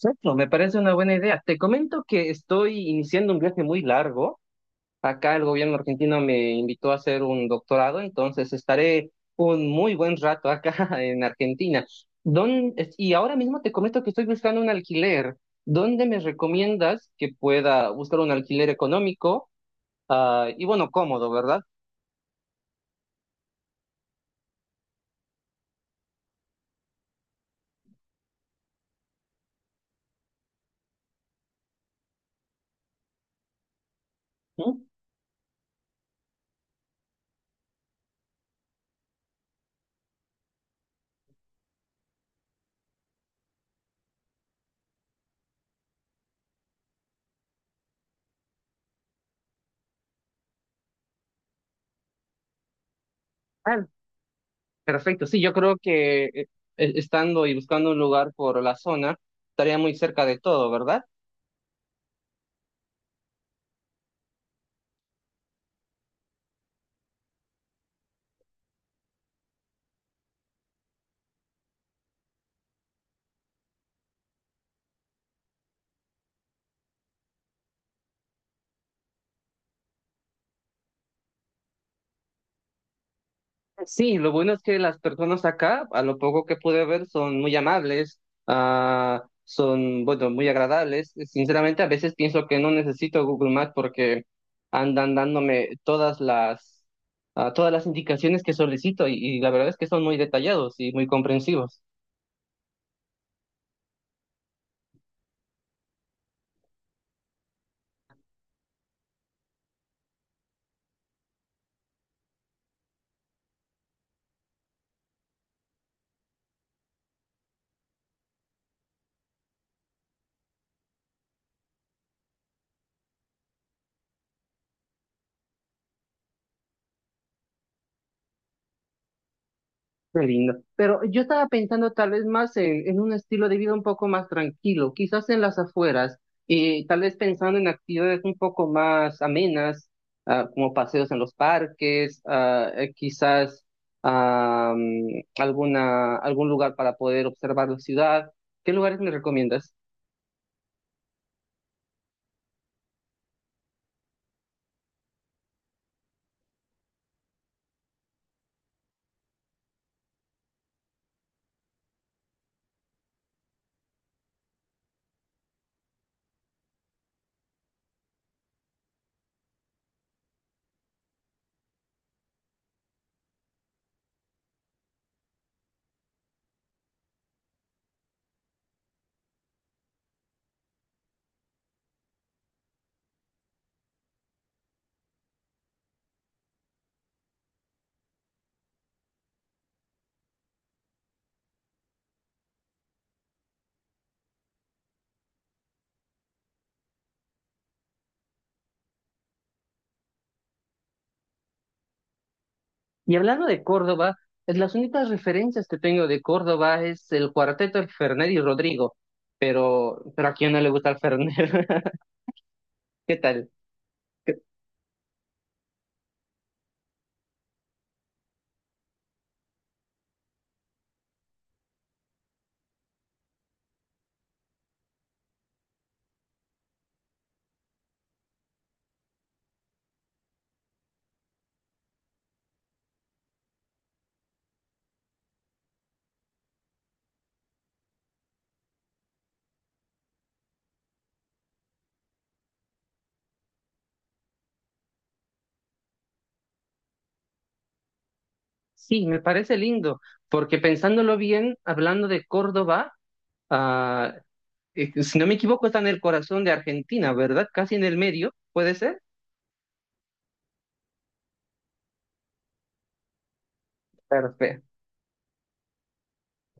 Perfecto, me parece una buena idea. Te comento que estoy iniciando un viaje muy largo. Acá el gobierno argentino me invitó a hacer un doctorado, entonces estaré un muy buen rato acá en Argentina. Y ahora mismo te comento que estoy buscando un alquiler. ¿Dónde me recomiendas que pueda buscar un alquiler económico? Ah, y bueno, cómodo, ¿verdad? Mm. ah, Perfecto, sí, yo creo que estando y buscando un lugar por la zona, estaría muy cerca de todo, ¿verdad? Sí, lo bueno es que las personas acá, a lo poco que pude ver, son muy amables, son, bueno, muy agradables. Sinceramente, a veces pienso que no necesito Google Maps porque andan dándome todas las indicaciones que solicito y la verdad es que son muy detallados y muy comprensivos. Qué lindo. Pero yo estaba pensando tal vez más en un estilo de vida un poco más tranquilo, quizás en las afueras, y tal vez pensando en actividades un poco más amenas, como paseos en los parques, quizás algún lugar para poder observar la ciudad. ¿Qué lugares me recomiendas? Y hablando de Córdoba, es las únicas referencias que tengo de Córdoba es el cuarteto del Fernet y Rodrigo, pero ¿a quién no le gusta el Fernet? ¿Qué tal? Sí, me parece lindo, porque pensándolo bien, hablando de Córdoba, ah, si no me equivoco, está en el corazón de Argentina, ¿verdad? Casi en el medio, ¿puede ser? Perfecto,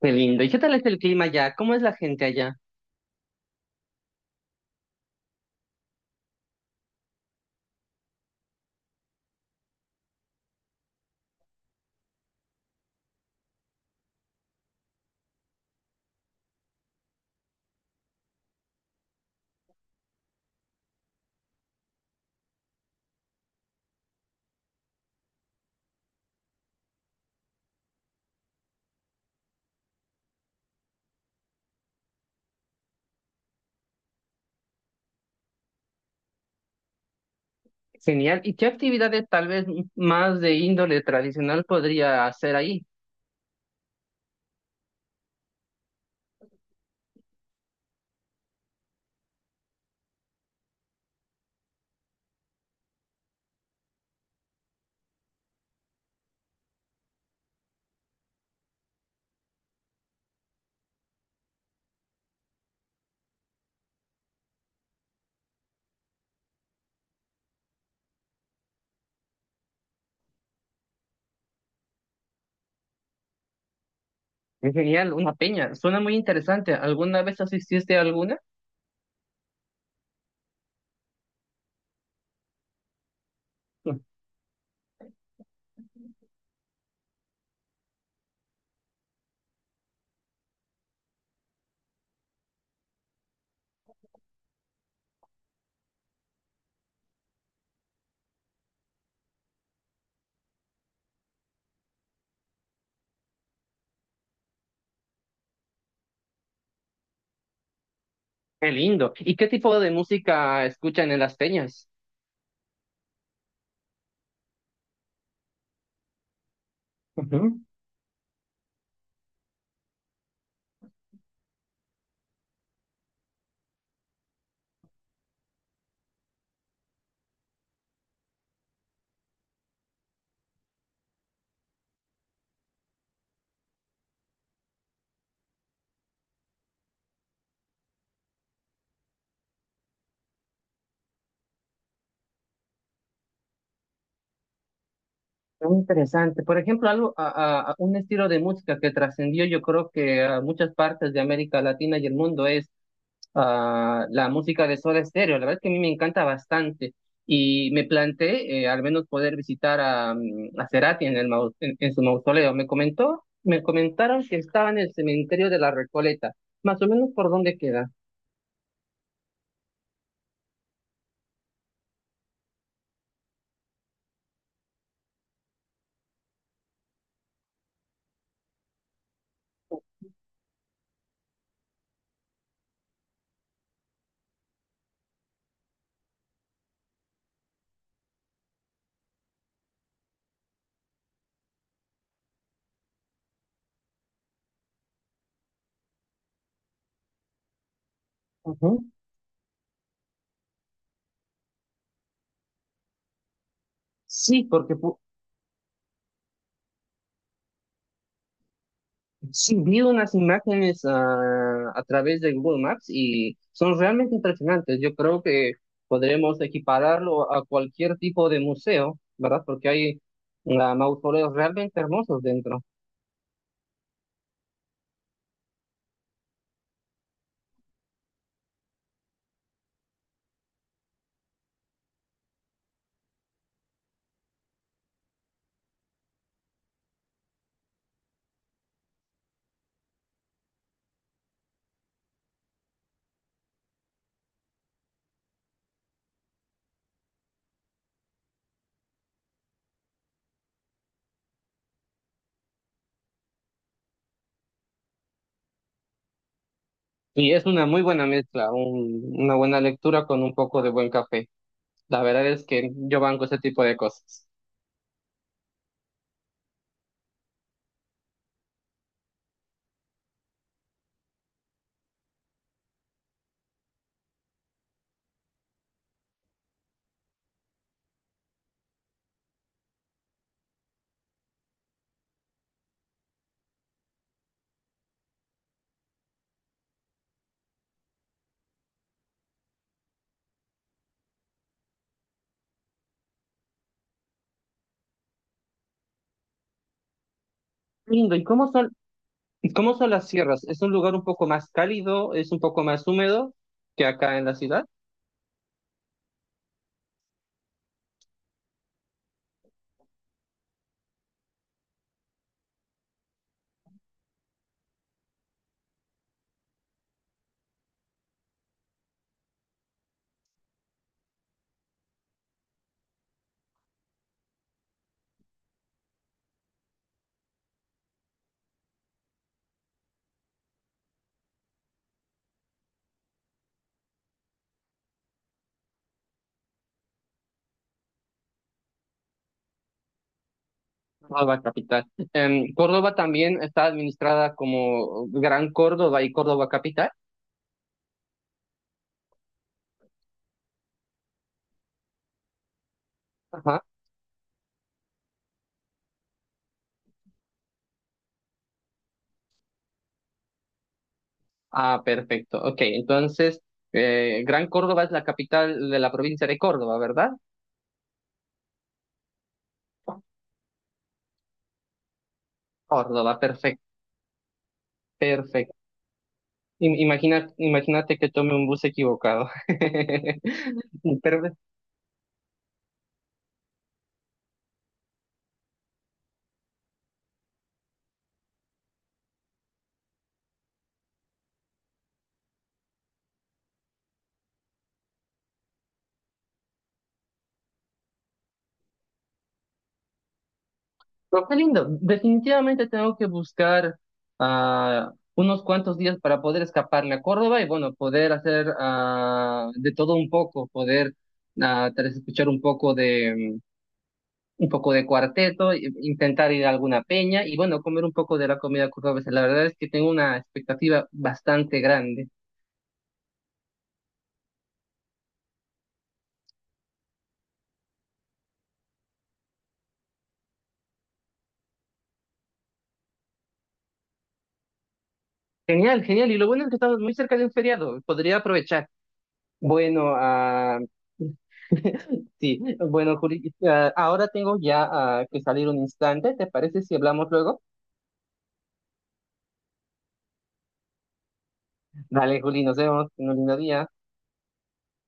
qué lindo. ¿Y qué tal es el clima allá? ¿Cómo es la gente allá? Genial. ¿Y qué actividades tal vez más de índole tradicional podría hacer ahí? Es genial, una peña. Suena muy interesante. ¿Alguna vez asististe a alguna? Qué lindo. ¿Y qué tipo de música escuchan en las peñas? Ujú. Muy interesante. Por ejemplo, algo, a un estilo de música que trascendió, yo creo que a muchas partes de América Latina y el mundo es la música de Soda Stereo. La verdad es que a mí me encanta bastante y me planteé al menos poder visitar a Cerati en su mausoleo. Me comentaron que estaba en el cementerio de la Recoleta, más o menos por dónde queda. Ujú. Sí, porque pu- Sí, vi unas imágenes a través de Google Maps y son realmente impresionantes. Yo creo que podremos equipararlo a cualquier tipo de museo, ¿verdad? Porque hay mausoleos realmente hermosos dentro. Y es una muy buena mezcla, una buena lectura con un poco de buen café. La verdad es que yo banco ese tipo de cosas. Lindo, ¿y cómo son las sierras? ¿Es un lugar un poco más cálido? ¿Es un poco más húmedo que acá en la ciudad? Córdoba capital. Córdoba también está administrada como Gran Córdoba y Córdoba capital. Ajá. Ah, perfecto. Ok, entonces, Gran Córdoba es la capital de la provincia de Córdoba, ¿verdad? Córdoba, perfecto, perfecto. Imagínate que tome un bus equivocado. Pero pero qué lindo. Definitivamente tengo que buscar unos cuantos días para poder escaparme a Córdoba y bueno, poder hacer de todo un poco, poder tal vez escuchar un poco de un poco de cuarteto, intentar ir a alguna peña y bueno, comer un poco de la comida cordobesa. La verdad es que tengo una expectativa bastante grande. Genial, genial. Y lo bueno es que estamos muy cerca de un feriado. Podría aprovechar. Bueno, sí, bueno, Juli, ahora tengo ya que salir un instante. ¿Te parece si hablamos luego? Dale, Juli, nos vemos en un lindo día.